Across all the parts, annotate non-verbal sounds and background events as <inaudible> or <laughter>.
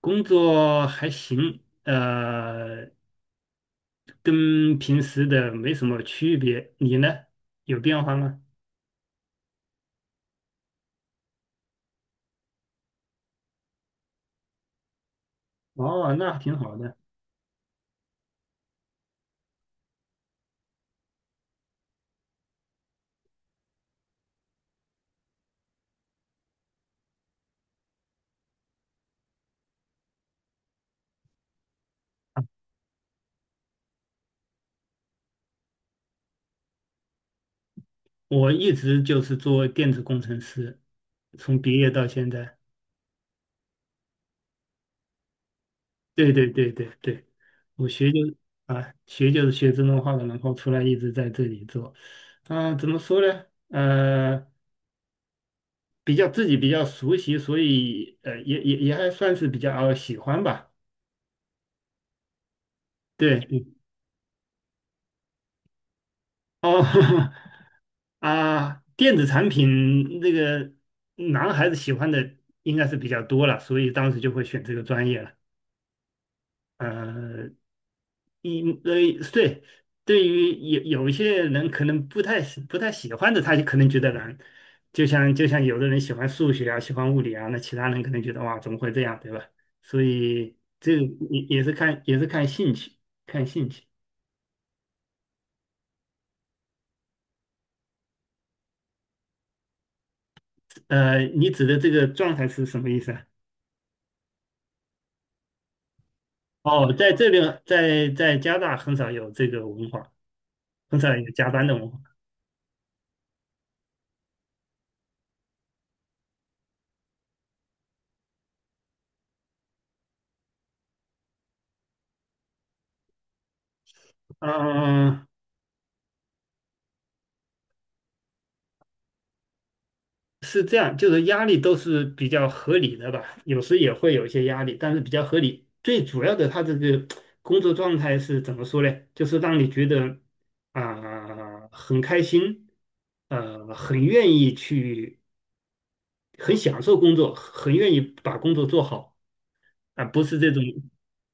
工作还行，跟平时的没什么区别。你呢？有变化吗？哦，那挺好的。我一直就是做电子工程师，从毕业到现在。对对对对对，我学就啊，学就是学自动化的，然后出来一直在这里做。啊、怎么说呢？比较自己比较熟悉，所以也还算是比较喜欢吧。对。哦 <laughs> 啊，电子产品那个男孩子喜欢的应该是比较多了，所以当时就会选这个专业了。呃，一呃，对，对于有一些人可能不太喜欢的，他就可能觉得难。就像有的人喜欢数学啊，喜欢物理啊，那其他人可能觉得哇，怎么会这样，对吧？所以这个也是也是看兴趣，看兴趣。你指的这个状态是什么意思啊？哦，在这边，在加拿大很少有这个文化，很少有加班的文化。嗯、是这样，就是压力都是比较合理的吧，有时也会有一些压力，但是比较合理。最主要的，他这个工作状态是怎么说呢？就是让你觉得啊、很开心，很愿意去，很享受工作，很愿意把工作做好啊、不是这种，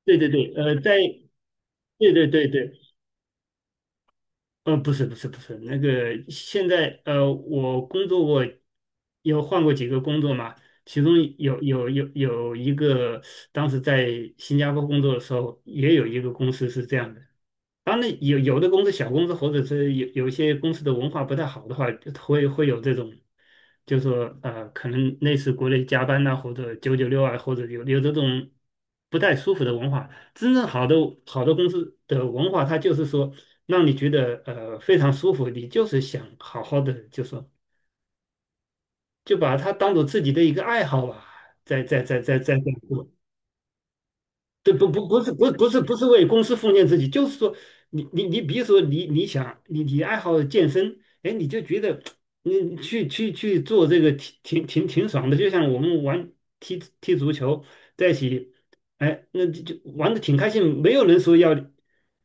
对对对，对对对对，不是不是不是，那个现在我工作过，有换过几个工作嘛，其中有一个，当时在新加坡工作的时候，也有一个公司是这样的。当然有的公司小公司或者是有一些公司的文化不太好的话，会有这种，就说可能类似国内加班呐、或者九九六啊，或者有这种不太舒服的文化。真正好的好的公司的文化，它就是说让你觉得非常舒服，你就是想好好的，就说就把它当做自己的一个爱好吧，在做。这不是不是不是为公司奉献自己，就是说你比如说你想你爱好健身，哎，你就觉得你去做这个挺爽的，就像我们玩踢足球在一起，哎，那就就玩的挺开心，没有人说要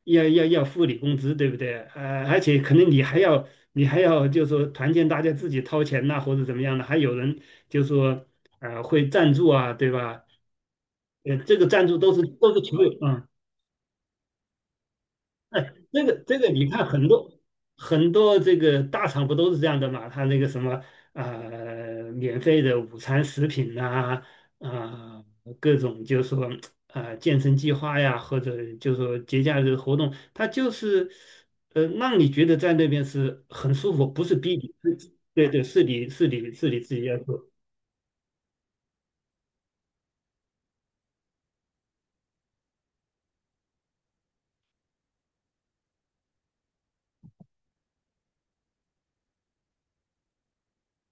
要要要付你工资，对不对？而且可能你还要就是说团建，大家自己掏钱呐、或者怎么样的，还有人就说会赞助啊，对吧？这个赞助都是球友啊，这个你看很多这个大厂不都是这样的嘛？他那个什么免费的午餐食品呐、啊，啊各种就是说啊、健身计划呀，或者就是说节假日活动，他就是让你觉得在那边是很舒服，不是逼你，对对，是你自己要做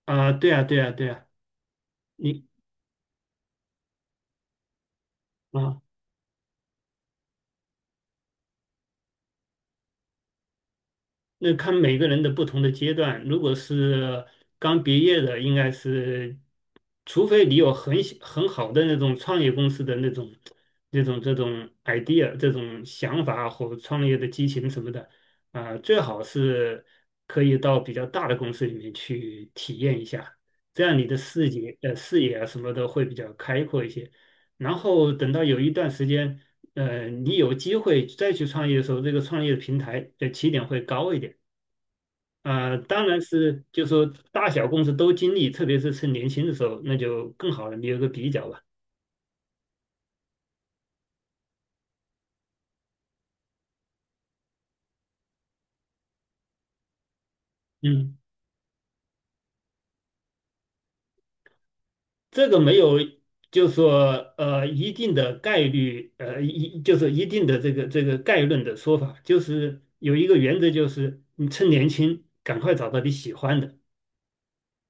啊、对啊，你啊。那看每个人的不同的阶段，如果是刚毕业的，应该是，除非你有很好的那种创业公司的那种、那种、这种 idea、这种想法或创业的激情什么的，啊、最好是可以到比较大的公司里面去体验一下，这样你的视野啊什么的会比较开阔一些。然后等到有一段时间，你有机会再去创业的时候，这个创业的平台的起点会高一点。当然是，就说大小公司都经历，特别是趁年轻的时候，那就更好了，你有个比较吧。嗯，这个没有，就说一定的概率，就是一定的这个概论的说法，就是有一个原则，就是你趁年轻赶快找到你喜欢的。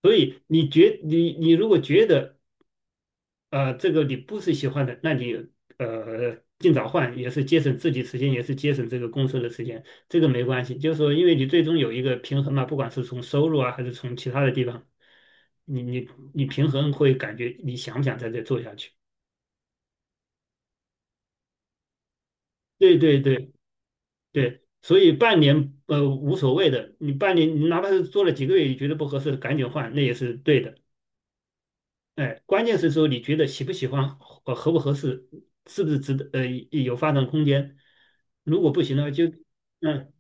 所以你如果觉得这个你不是喜欢的，那你尽早换，也是节省自己时间，也是节省这个公司的时间，这个没关系。就是说，因为你最终有一个平衡嘛，不管是从收入啊，还是从其他的地方，你你你平衡会感觉你想不想在这做下去？对对对对，所以半年无所谓的，你半年你哪怕是做了几个月，你觉得不合适，赶紧换，那也是对的。哎，关键是说你觉得喜不喜欢，合不合适，是不是值得，有发展空间。如果不行的话，就，嗯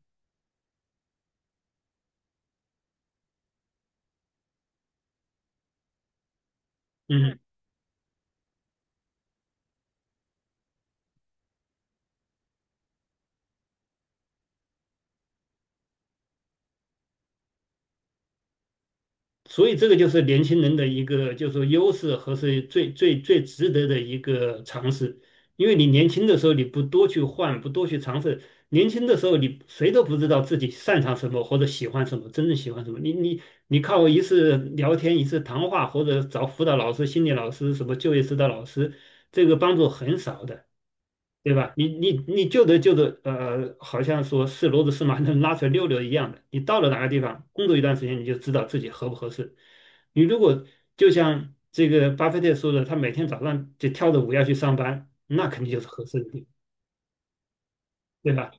嗯，所以这个就是年轻人的一个，就是说优势和是最值得的一个尝试。因为你年轻的时候你不多去换，不多去尝试，年轻的时候你谁都不知道自己擅长什么或者喜欢什么，真正喜欢什么。你靠一次聊天，一次谈话，或者找辅导老师、心理老师、什么就业指导老师，这个帮助很少的。对吧？你就得，好像说是骡子是马能拉出来溜溜一样的。你到了哪个地方工作一段时间，你就知道自己合不合适。你如果就像这个巴菲特说的，他每天早上就跳着舞要去上班，那肯定就是合适的地方对吧？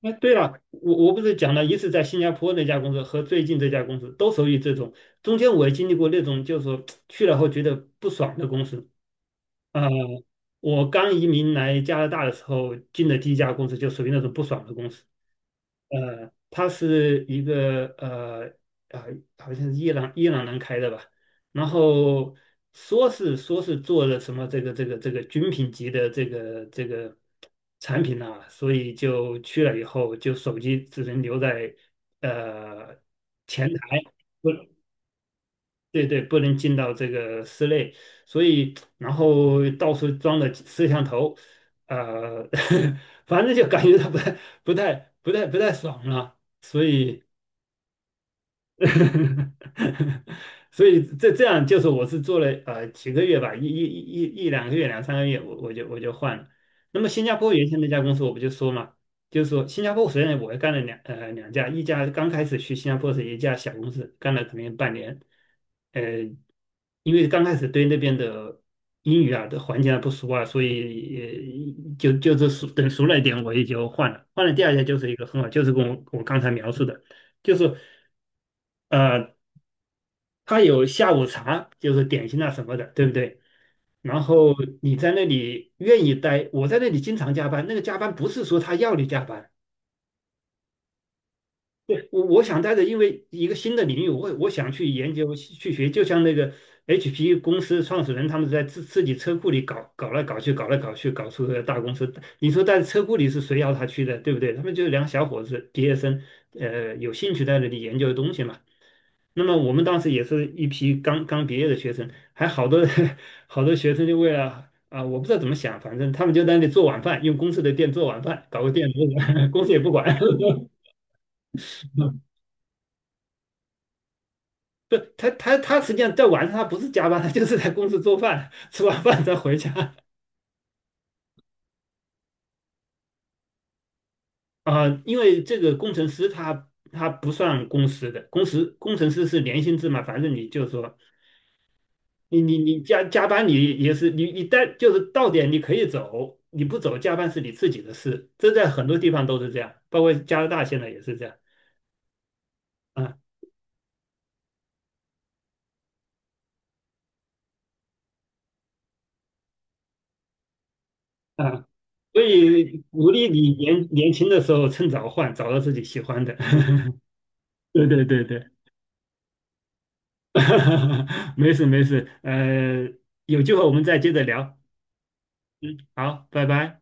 哎，对了，我不是讲了一次在新加坡那家公司和最近这家公司都属于这种，中间我也经历过那种，就是说去了后觉得不爽的公司，呃，我刚移民来加拿大的时候，进的第一家公司就属于那种不爽的公司。它是一个啊、好像是伊朗人开的吧，然后说是做了什么这个军品级的这个产品呐、所以就去了以后，就手机只能留在呃前台。不对对，不能进到这个室内，所以然后到处装了摄像头，呃，<laughs> 反正就感觉到不太、不太爽了，所以，<laughs> 所以这这样就是我是做了几个月吧，一、一、一、一、两个月、两三个月，我就换了。那么新加坡原先那家公司我不就说嘛，就是说新加坡虽然我也干了两家，一家刚开始去新加坡是一家小公司，干了可能有半年。呃，因为刚开始对那边的英语啊的环境还不熟啊，所以就是熟了一点，我也就换了。换了第二家就是一个很好，就是跟我刚才描述的，就是呃，他有下午茶，就是点心啊什么的，对不对？然后你在那里愿意待，我在那里经常加班，那个加班不是说他要你加班，对，我想带着，因为一个新的领域，我想去研究去学，就像那个 HP 公司创始人他们在自己车库里搞来搞去，搞出个大公司。你说在车库里是谁要他去的，对不对？他们就是两个小伙子毕业生，有兴趣在那里研究的东西嘛。那么我们当时也是一批刚刚毕业的学生，还好多 <laughs> 好多学生就为了啊，我不知道怎么想，反正他们就在那里做晚饭，用公司的电做晚饭，搞个电炉，<laughs> 公司也不管。<laughs> 不，他实际上在晚上他不是加班，他就是在公司做饭，吃完饭再回家啊、因为这个工程师他不算工时的，工时工程师是年薪制嘛，反正你就说你加班你也是你待就是到点你可以走，你不走加班是你自己的事，这在很多地方都是这样，包括加拿大现在也是这样啊啊，所以鼓励你年轻的时候趁早换，找到自己喜欢的。<laughs> 对对对对。<laughs> 没事没事，有机会我们再接着聊。嗯，好，拜拜。